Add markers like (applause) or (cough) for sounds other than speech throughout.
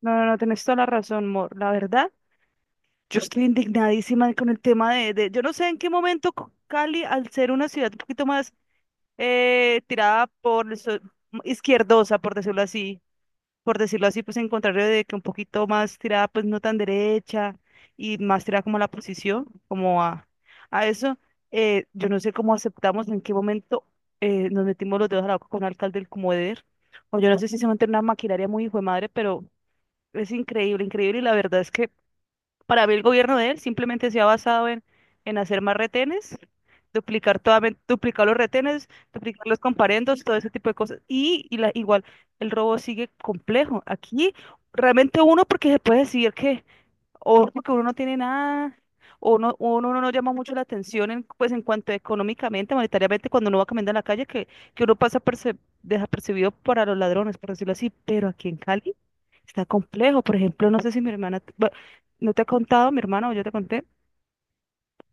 No, no, no, tenés toda la razón, Mor. La verdad, yo estoy indignadísima con el tema yo no sé en qué momento Cali, al ser una ciudad un poquito más tirada por el izquierdosa, por decirlo así, pues en contrario de que un poquito más tirada, pues no tan derecha y más tirada como a la posición, como a eso, yo no sé cómo aceptamos, en qué momento nos metimos los dedos a la boca con un alcalde del Comodero, o yo no sé si se mantiene una maquinaria muy hijo de madre, pero es increíble, increíble. Y la verdad es que para mí el gobierno de él simplemente se ha basado en hacer más retenes, duplicar, toda, duplicar los retenes, duplicar los comparendos, todo ese tipo de cosas. Y la, igual, el robo sigue complejo. Aquí realmente uno porque se puede decir que o porque uno no tiene nada, o uno no llama mucho la atención en, pues en cuanto económicamente, monetariamente, cuando uno va caminando en la calle, que uno pasa desapercibido para los ladrones, por decirlo así, pero aquí en Cali está complejo. Por ejemplo, no sé si mi hermana, bueno, no te he contado, mi hermana o yo te conté,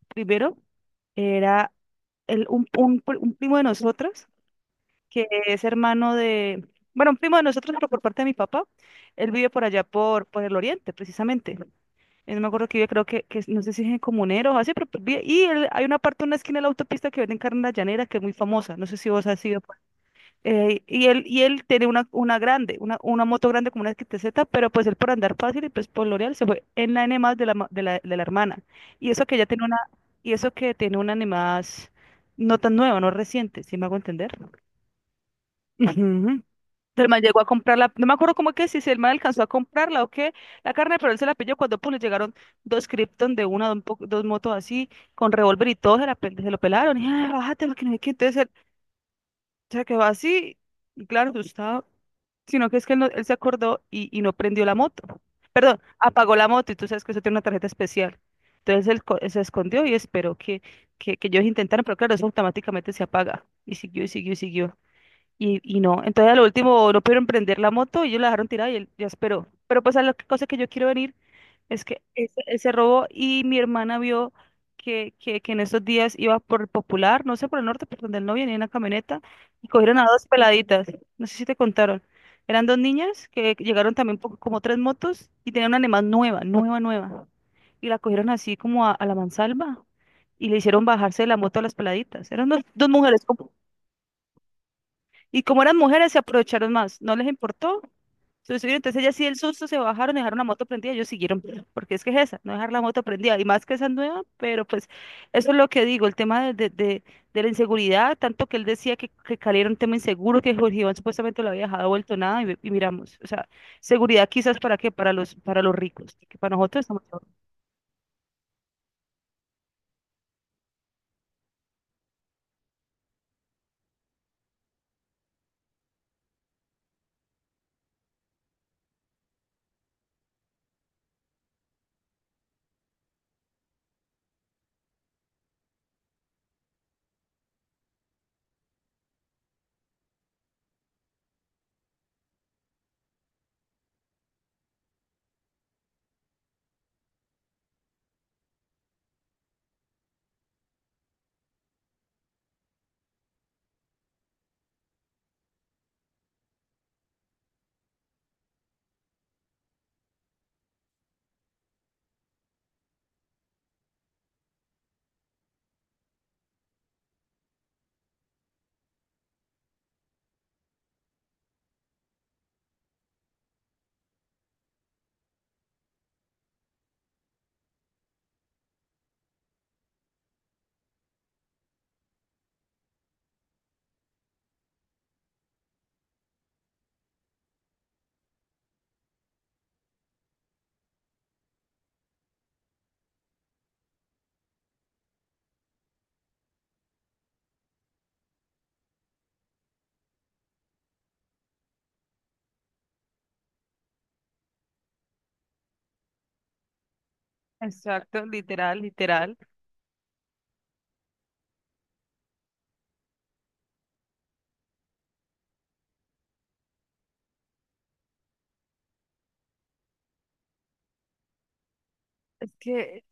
primero era el, un pri- un primo de nosotros, que es hermano de, bueno, un primo de nosotros, pero por parte de mi papá, él vive por allá, por el oriente, precisamente no me acuerdo que vive, creo que no sé si es en Comunero o así, pero pues, hay una parte, una esquina de la autopista que venden carne en la llanera que es muy famosa, no sé si vos has ido, pues. Y él tiene una grande, una moto grande como una XTZ, pero pues él por andar fácil y pues por L'Oreal se fue en la N más de la, ma- de la hermana. Y eso que ya tiene una, y eso que tiene una N más no tan nueva, no reciente, si me hago entender. Ujú. El man llegó a comprarla, no me acuerdo cómo que si, si el man alcanzó a comprarla o qué, la carne, pero él se la pilló cuando pues, le llegaron dos Krypton de una, dos motos así, con revólver y todo, se, se lo pelaron, y ah, bájate, lo que no sé qué, entonces él se quedó así, y claro, asustado, sino que es que él, él se acordó y no prendió la moto, perdón, apagó la moto, y tú sabes que eso tiene una tarjeta especial, entonces él se escondió y esperó que, que ellos intentaran, pero claro, eso automáticamente se apaga, y siguió, y siguió, y siguió. Y no, entonces a lo último no pudieron prender la moto y ellos la dejaron tirada y él ya esperó. Pero pues a la cosa que yo quiero venir es que ese robo y mi hermana vio que en esos días iba por el Popular, no sé, por el norte, por donde él no venía en una camioneta y cogieron a dos peladitas, no sé si te contaron. Eran dos niñas que llegaron también como tres motos y tenían una animal nueva, nueva, nueva. Y la cogieron así como a la mansalva y le hicieron bajarse de la moto a las peladitas. Eran dos, dos mujeres. Y como eran mujeres, se aprovecharon más. No les importó. Se subieron, entonces ellas sí el susto se bajaron, y dejaron la moto prendida, ellos siguieron, porque es que es esa, no dejar la moto prendida, y más que esa nueva, pero pues eso es lo que digo, el tema de la inseguridad, tanto que él decía que Cali era un tema inseguro, que Jorge Iván supuestamente lo había dejado vuelto nada, y miramos, o sea, seguridad quizás para qué, para los ricos, que para nosotros estamos... Exacto, literal, literal. Es que,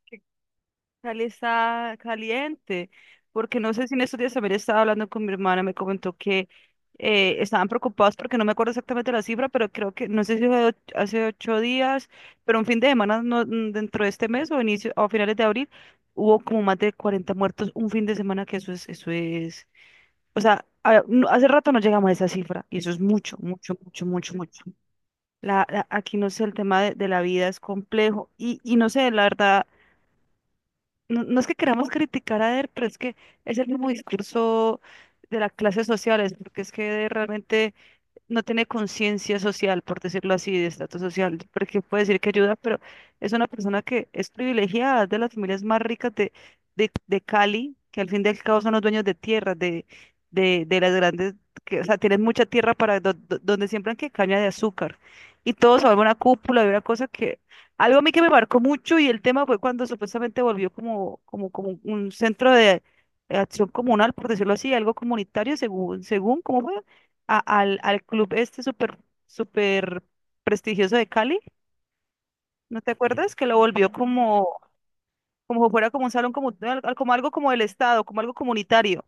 Cali está caliente, porque no sé si en estos días también estaba hablando con mi hermana, me comentó que estaban preocupados porque no me acuerdo exactamente la cifra, pero creo que, no sé si fue hace 8 días, pero un fin de semana dentro de este mes o inicio o finales de abril, hubo como más de 40 muertos un fin de semana, que eso es, o sea, hace rato no llegamos a esa cifra, y eso es mucho, mucho, mucho, mucho, mucho. Aquí no sé, el tema de la vida es complejo y no sé, la verdad no, no es que queramos criticar a Eder, pero es que es el mismo discurso de las clases sociales, porque es que Eder realmente no tiene conciencia social, por decirlo así, de estatus social, porque puede decir que ayuda, pero es una persona que es privilegiada, es de las familias más ricas de Cali, que al fin y al cabo son los dueños de tierras, de las grandes, que, o sea, tienen mucha tierra para donde siembran que caña de azúcar. Y todo se vuelve una cúpula y una cosa que, algo a mí que me marcó mucho y el tema fue cuando supuestamente volvió como, como, como un centro de... acción comunal, por decirlo así, algo comunitario, según, según, ¿cómo fue? Al club este súper, súper prestigioso de Cali. ¿No te sí acuerdas? Que lo volvió como, como si fuera como un salón, como, como algo como el Estado, como algo comunitario.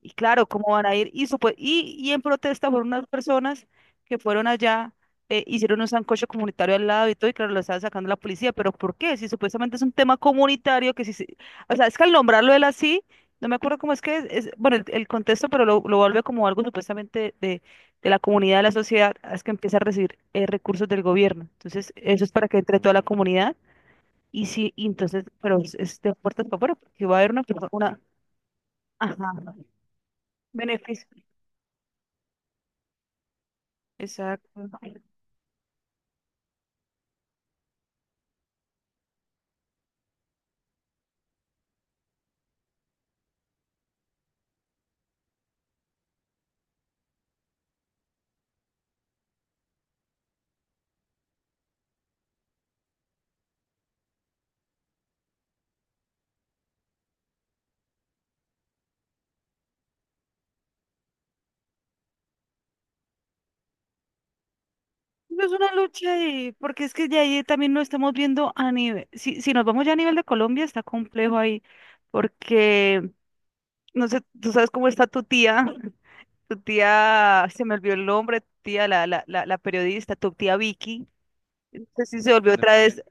Y claro, ¿cómo van a ir? Y en protesta fueron unas personas que fueron allá, hicieron un sancocho comunitario al lado y todo, y claro, lo estaba sacando la policía, pero ¿por qué? Si supuestamente es un tema comunitario, que si, o sea, es que al nombrarlo él así, no me acuerdo cómo es que es, bueno, el contexto, pero lo vuelve como algo supuestamente de la comunidad, de la sociedad, es que empieza a recibir recursos del gobierno. Entonces, eso es para que entre toda la comunidad. Y sí, y entonces, pero es de puertas para afuera, porque va a haber una, una, ajá, beneficio. Exacto. No, es una lucha ahí, porque es que ya ahí también lo estamos viendo a nivel, si, si nos vamos ya a nivel de Colombia, está complejo ahí, porque, no sé, tú sabes cómo está tu tía, (laughs) tu tía, se me olvidó el nombre, tu tía, la periodista, tu tía Vicky, no sé si se volvió no,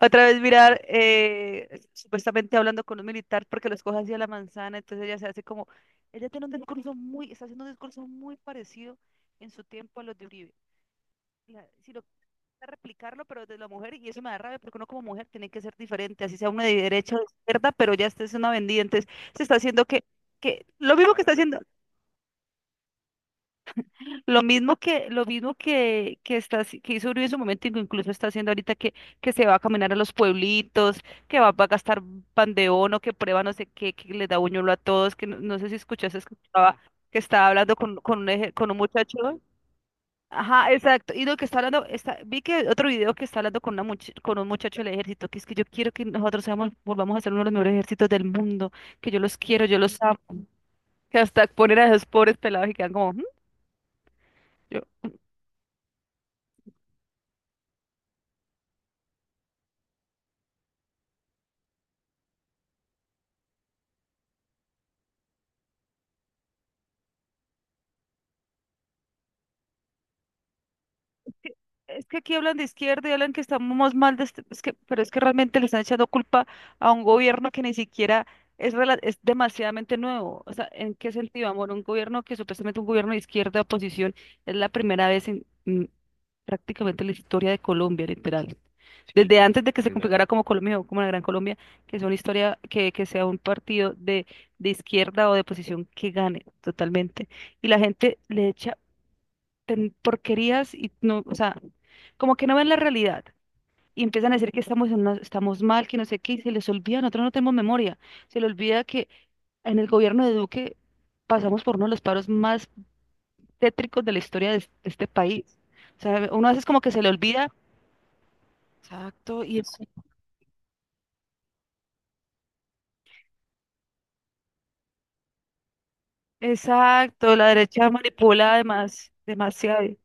otra vez mirar, supuestamente hablando con un militar, porque los coge así a la manzana, entonces ella se hace como, ella tiene un discurso muy, está haciendo un discurso muy parecido en su tiempo a los de Uribe. Si lo replicarlo, pero desde la mujer, y eso me da rabia, porque uno como mujer tiene que ser diferente, así sea uno de derecha o de izquierda, pero ya esta es una vendida, entonces se está haciendo que lo mismo que está haciendo, que está, que hizo Uribe en su momento, y que incluso está haciendo ahorita que se va a caminar a los pueblitos, va a gastar pandeón o que prueba no sé qué, que le da buñuelo a todos, que no, no sé si escuchaste, escuchaba que estaba hablando con un, con un muchacho. Ajá, exacto. Y lo que está hablando, está, vi que otro video que está hablando con, una con un muchacho del ejército, que es que yo quiero que nosotros seamos, volvamos a ser uno de los mejores ejércitos del mundo, que yo los quiero, yo los amo, que hasta poner a esos pobres pelados y quedan como, "Mm, yo, mm". que- Es que aquí hablan de izquierda y hablan que estamos mal, de es que, pero es que realmente le están echando culpa a un gobierno que ni siquiera es, es demasiadamente nuevo. O sea, ¿en qué sentido, amor? Un gobierno que supuestamente un gobierno de izquierda de oposición es la primera vez en prácticamente la historia de Colombia, literal. Sí, desde antes de que se literal configurara como Colombia o como la Gran Colombia, que sea una historia, que sea un partido de izquierda o de oposición que gane totalmente. Y la gente le echa porquerías y no, o sea, como que no ven la realidad y empiezan a decir que estamos, estamos mal, que no sé qué, y se les olvida, nosotros no tenemos memoria, se les olvida que en el gobierno de Duque pasamos por uno de los paros más tétricos de la historia de, de este país. O sea, uno a veces como que se le olvida. Exacto, exacto, la derecha manipula además demasiado.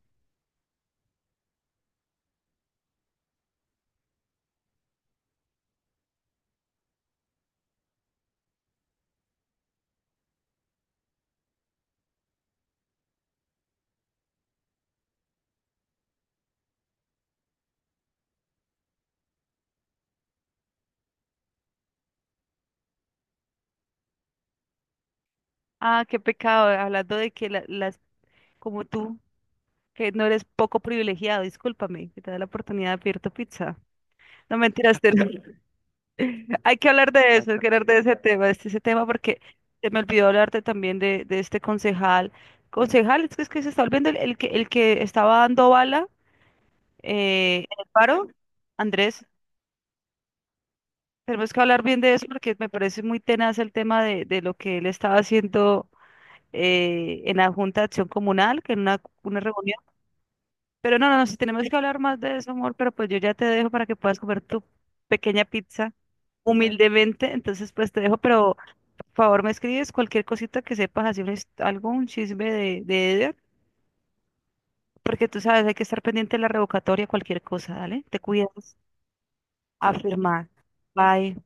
Ah, qué pecado, hablando de que las, como tú, que no eres poco privilegiado, discúlpame, que te da la oportunidad de pedir tu pizza. No mentiras, (laughs) hay que hablar de eso, hay que hablar de ese tema, de este, ese tema, porque se me olvidó hablarte también de este concejal. Concejal, es que se está olvidando el que estaba dando bala en el paro, Andrés. Tenemos que hablar bien de eso porque me parece muy tenaz el tema de lo que él estaba haciendo en la Junta de Acción Comunal, que en una reunión. Pero no, no, no, si tenemos que hablar más de eso, amor, pero pues yo ya te dejo para que puedas comer tu pequeña pizza humildemente. Entonces, pues te dejo, pero favor, me escribes cualquier cosita que sepas, así un algún chisme de Eder, porque tú sabes, hay que estar pendiente de la revocatoria, cualquier cosa, ¿dale? Te cuidas, afirmar. Bye.